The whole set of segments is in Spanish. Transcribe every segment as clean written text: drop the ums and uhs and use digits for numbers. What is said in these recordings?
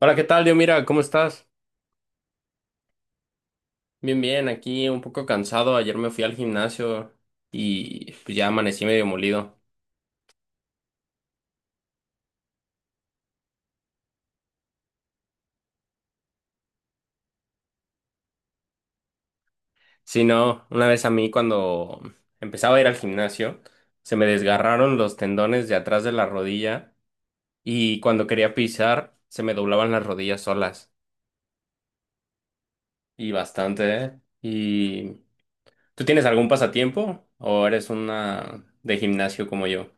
Hola, ¿qué tal? Yo, mira, ¿cómo estás? Bien, bien, aquí un poco cansado. Ayer me fui al gimnasio y pues ya amanecí medio molido. Sí, no, una vez a mí cuando empezaba a ir al gimnasio, se me desgarraron los tendones de atrás de la rodilla y cuando quería pisar, se me doblaban las rodillas solas. Y bastante, ¿eh? ¿Y tú tienes algún pasatiempo o eres una de gimnasio como yo?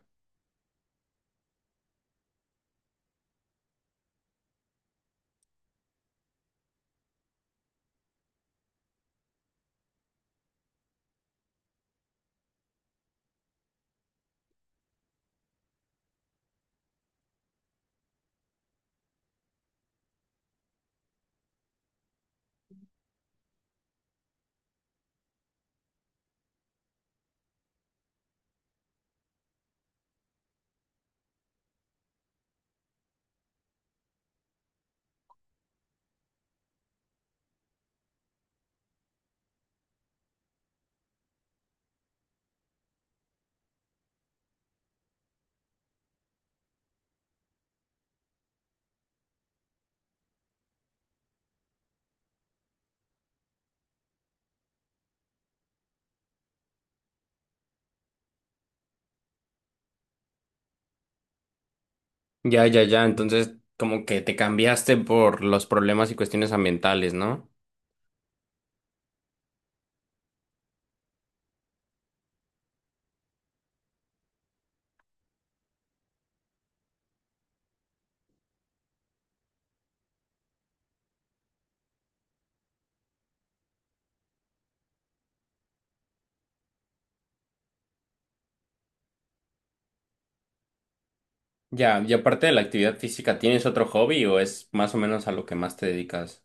Ya, ya, ya. Entonces, como que te cambiaste por los problemas y cuestiones ambientales, ¿no? Ya, y aparte de la actividad física, ¿tienes otro hobby o es más o menos a lo que más te dedicas?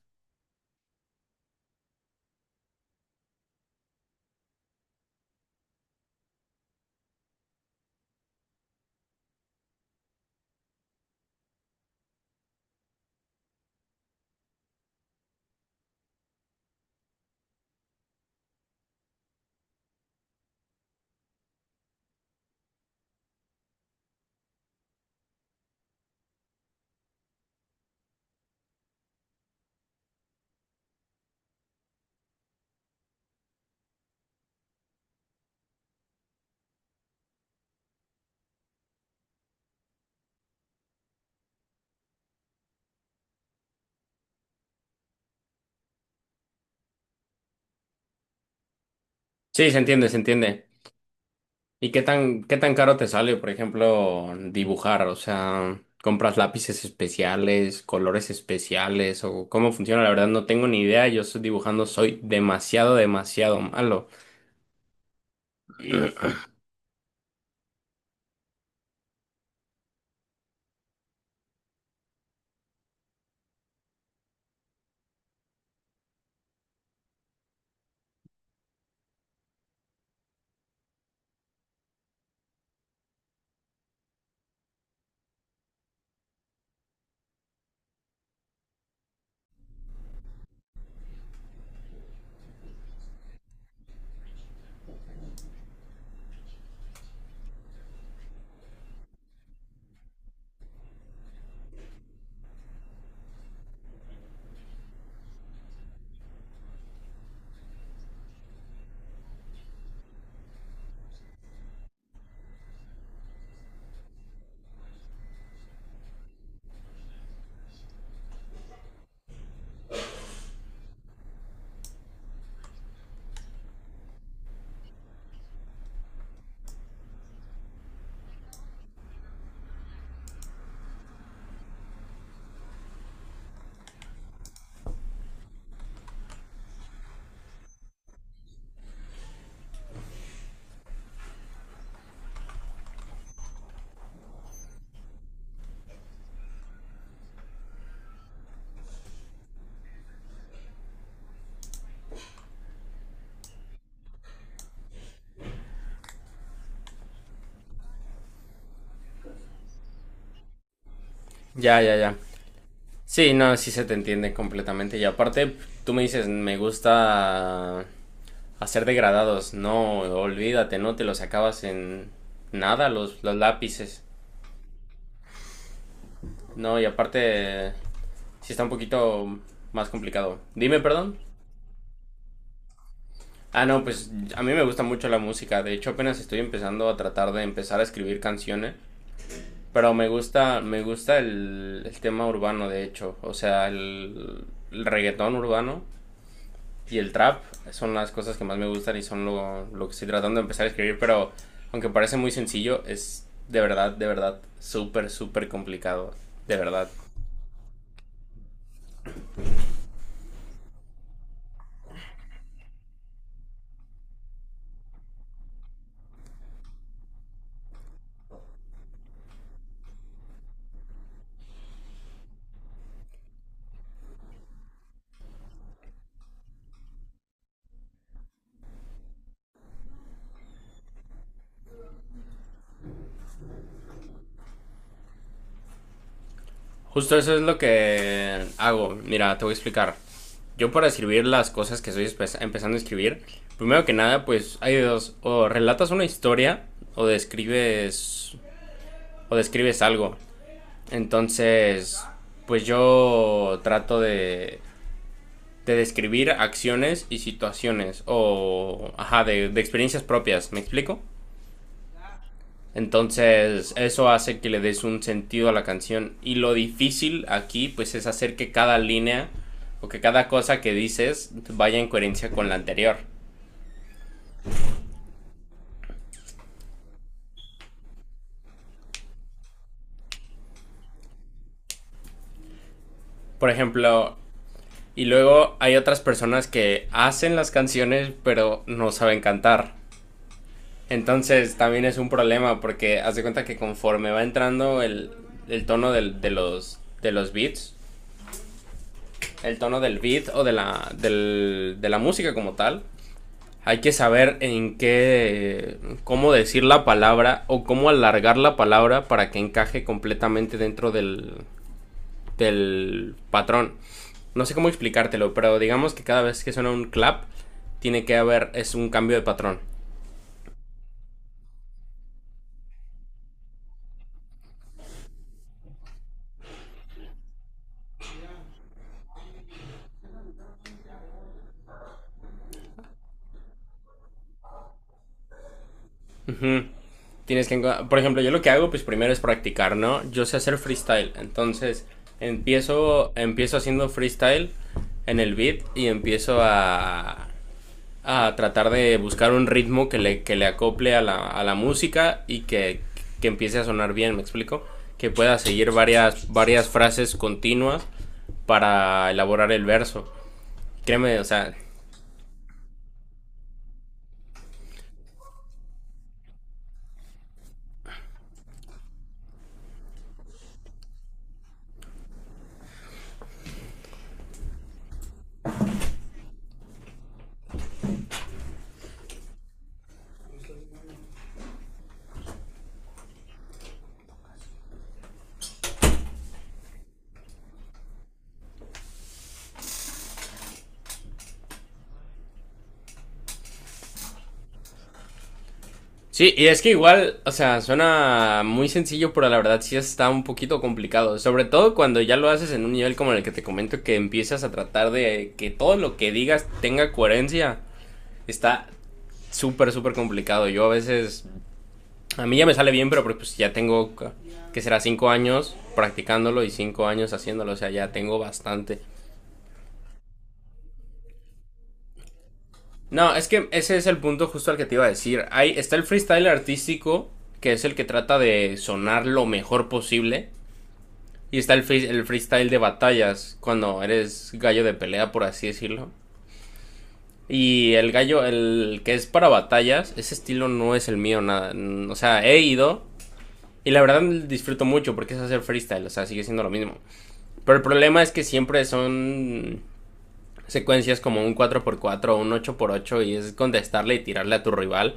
Sí, se entiende, se entiende. ¿Y qué tan caro te sale, por ejemplo, dibujar? O sea, ¿compras lápices especiales, colores especiales o cómo funciona? La verdad no tengo ni idea, yo estoy dibujando, soy demasiado, demasiado malo. Ya, ya, ya. Sí, no, sí se te entiende completamente. Y aparte, tú me dices, me gusta a ser degradados. No, olvídate, no te los acabas en nada los, los lápices. No, y aparte, sí está un poquito más complicado. Dime, perdón. Ah, no, pues a mí me gusta mucho la música. De hecho, apenas estoy empezando a tratar de empezar a escribir canciones. Pero me gusta el tema urbano, de hecho. O sea, el reggaetón urbano y el trap son las cosas que más me gustan y son lo que estoy tratando de empezar a escribir, pero aunque parece muy sencillo, es de verdad, súper, súper complicado. De verdad. Justo eso es lo que hago. Mira, te voy a explicar. Yo para escribir las cosas que estoy empezando a escribir, primero que nada, pues hay dos. O relatas una historia o describes, o describes algo. Entonces, pues yo trato de describir acciones y situaciones o, ajá, de experiencias propias, ¿me explico? Entonces, eso hace que le des un sentido a la canción. Y lo difícil aquí, pues, es hacer que cada línea o que cada cosa que dices vaya en coherencia con la anterior. Por ejemplo, y luego hay otras personas que hacen las canciones, pero no saben cantar. Entonces, también es un problema porque haz de cuenta que conforme va entrando el tono del- de los beats, el tono del beat o de la, del- de la música como tal. Hay que saber en qué, cómo decir la palabra o cómo alargar la palabra para que encaje completamente dentro del, del patrón. No sé cómo explicártelo, pero digamos que cada vez que suena un clap, tiene que haber, es un cambio de patrón. Mm, tienes que, por ejemplo, yo lo que hago, pues primero es practicar, ¿no? Yo sé hacer freestyle, entonces empiezo haciendo freestyle en el beat y empiezo a tratar de buscar un ritmo que le acople a la música y que empiece a sonar bien, ¿me explico? Que pueda seguir varias, varias frases continuas para elaborar el verso. Créeme, o sea, sí, y es que igual, o sea, suena muy sencillo, pero la verdad sí está un poquito complicado. Sobre todo cuando ya lo haces en un nivel como el que te comento, que empiezas a tratar de que todo lo que digas tenga coherencia. Está súper, súper complicado. Yo a veces, a mí ya me sale bien, pero pues, ya tengo, que será 5 años practicándolo y 5 años haciéndolo, o sea, ya tengo bastante. No, es que ese es el punto justo al que te iba a decir. Ahí está el freestyle artístico, que es el que trata de sonar lo mejor posible. Y está el, free- el freestyle de batallas, cuando eres gallo de pelea, por así decirlo. Y el gallo, el que es para batallas, ese estilo no es el mío, nada. Mm, o sea, he ido y la verdad disfruto mucho porque es hacer freestyle, o sea, sigue siendo lo mismo. Pero el problema es que siempre son secuencias como un cuatro por cuatro o un ocho por ocho y es contestarle y tirarle a tu rival.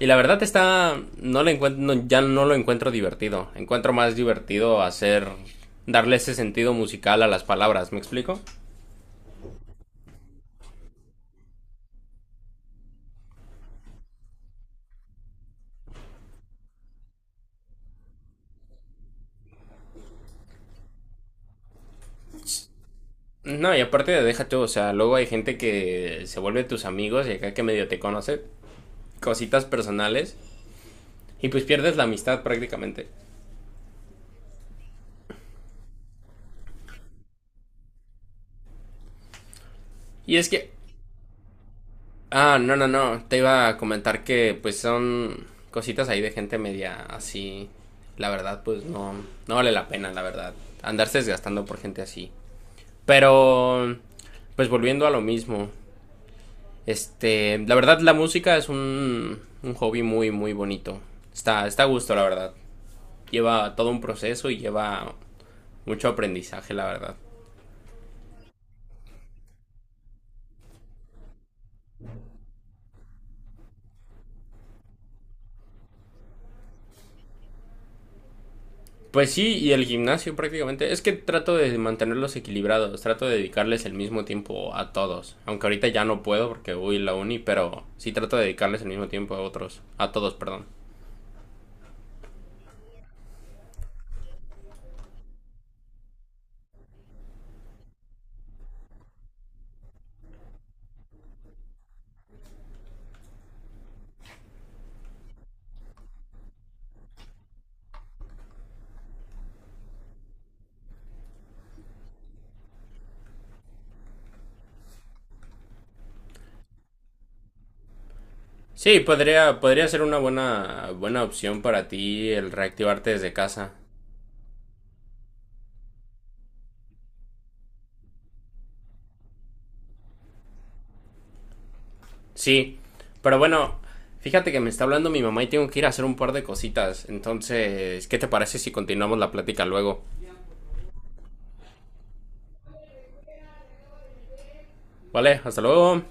Y la verdad está, no le encuentro, ya no lo encuentro divertido. Encuentro más divertido hacer, darle ese sentido musical a las palabras, ¿me explico? No, y aparte de deja tú, o sea, luego hay gente que se vuelve tus amigos y acá que medio te conoce cositas personales y pues pierdes la amistad prácticamente. Y es que, ah, no, no, no, te iba a comentar que pues son cositas ahí de gente media así, la verdad, pues no, no vale la pena, la verdad, andarse desgastando por gente así. Pero, pues volviendo a lo mismo. Este, la verdad la música es un hobby muy, muy bonito. Está, está a gusto, la verdad. Lleva todo un proceso y lleva mucho aprendizaje, la verdad. Pues sí, y el gimnasio prácticamente. Es que trato de mantenerlos equilibrados, trato de dedicarles el mismo tiempo a todos. Aunque ahorita ya no puedo porque voy a la uni, pero sí trato de dedicarles el mismo tiempo a otros, a todos, perdón. Sí, podría, podría ser una buena, buena opción para ti el reactivarte desde casa. Sí, pero bueno, fíjate que me está hablando mi mamá y tengo que ir a hacer un par de cositas. Entonces, ¿qué te parece si continuamos la plática luego? Vale, hasta luego.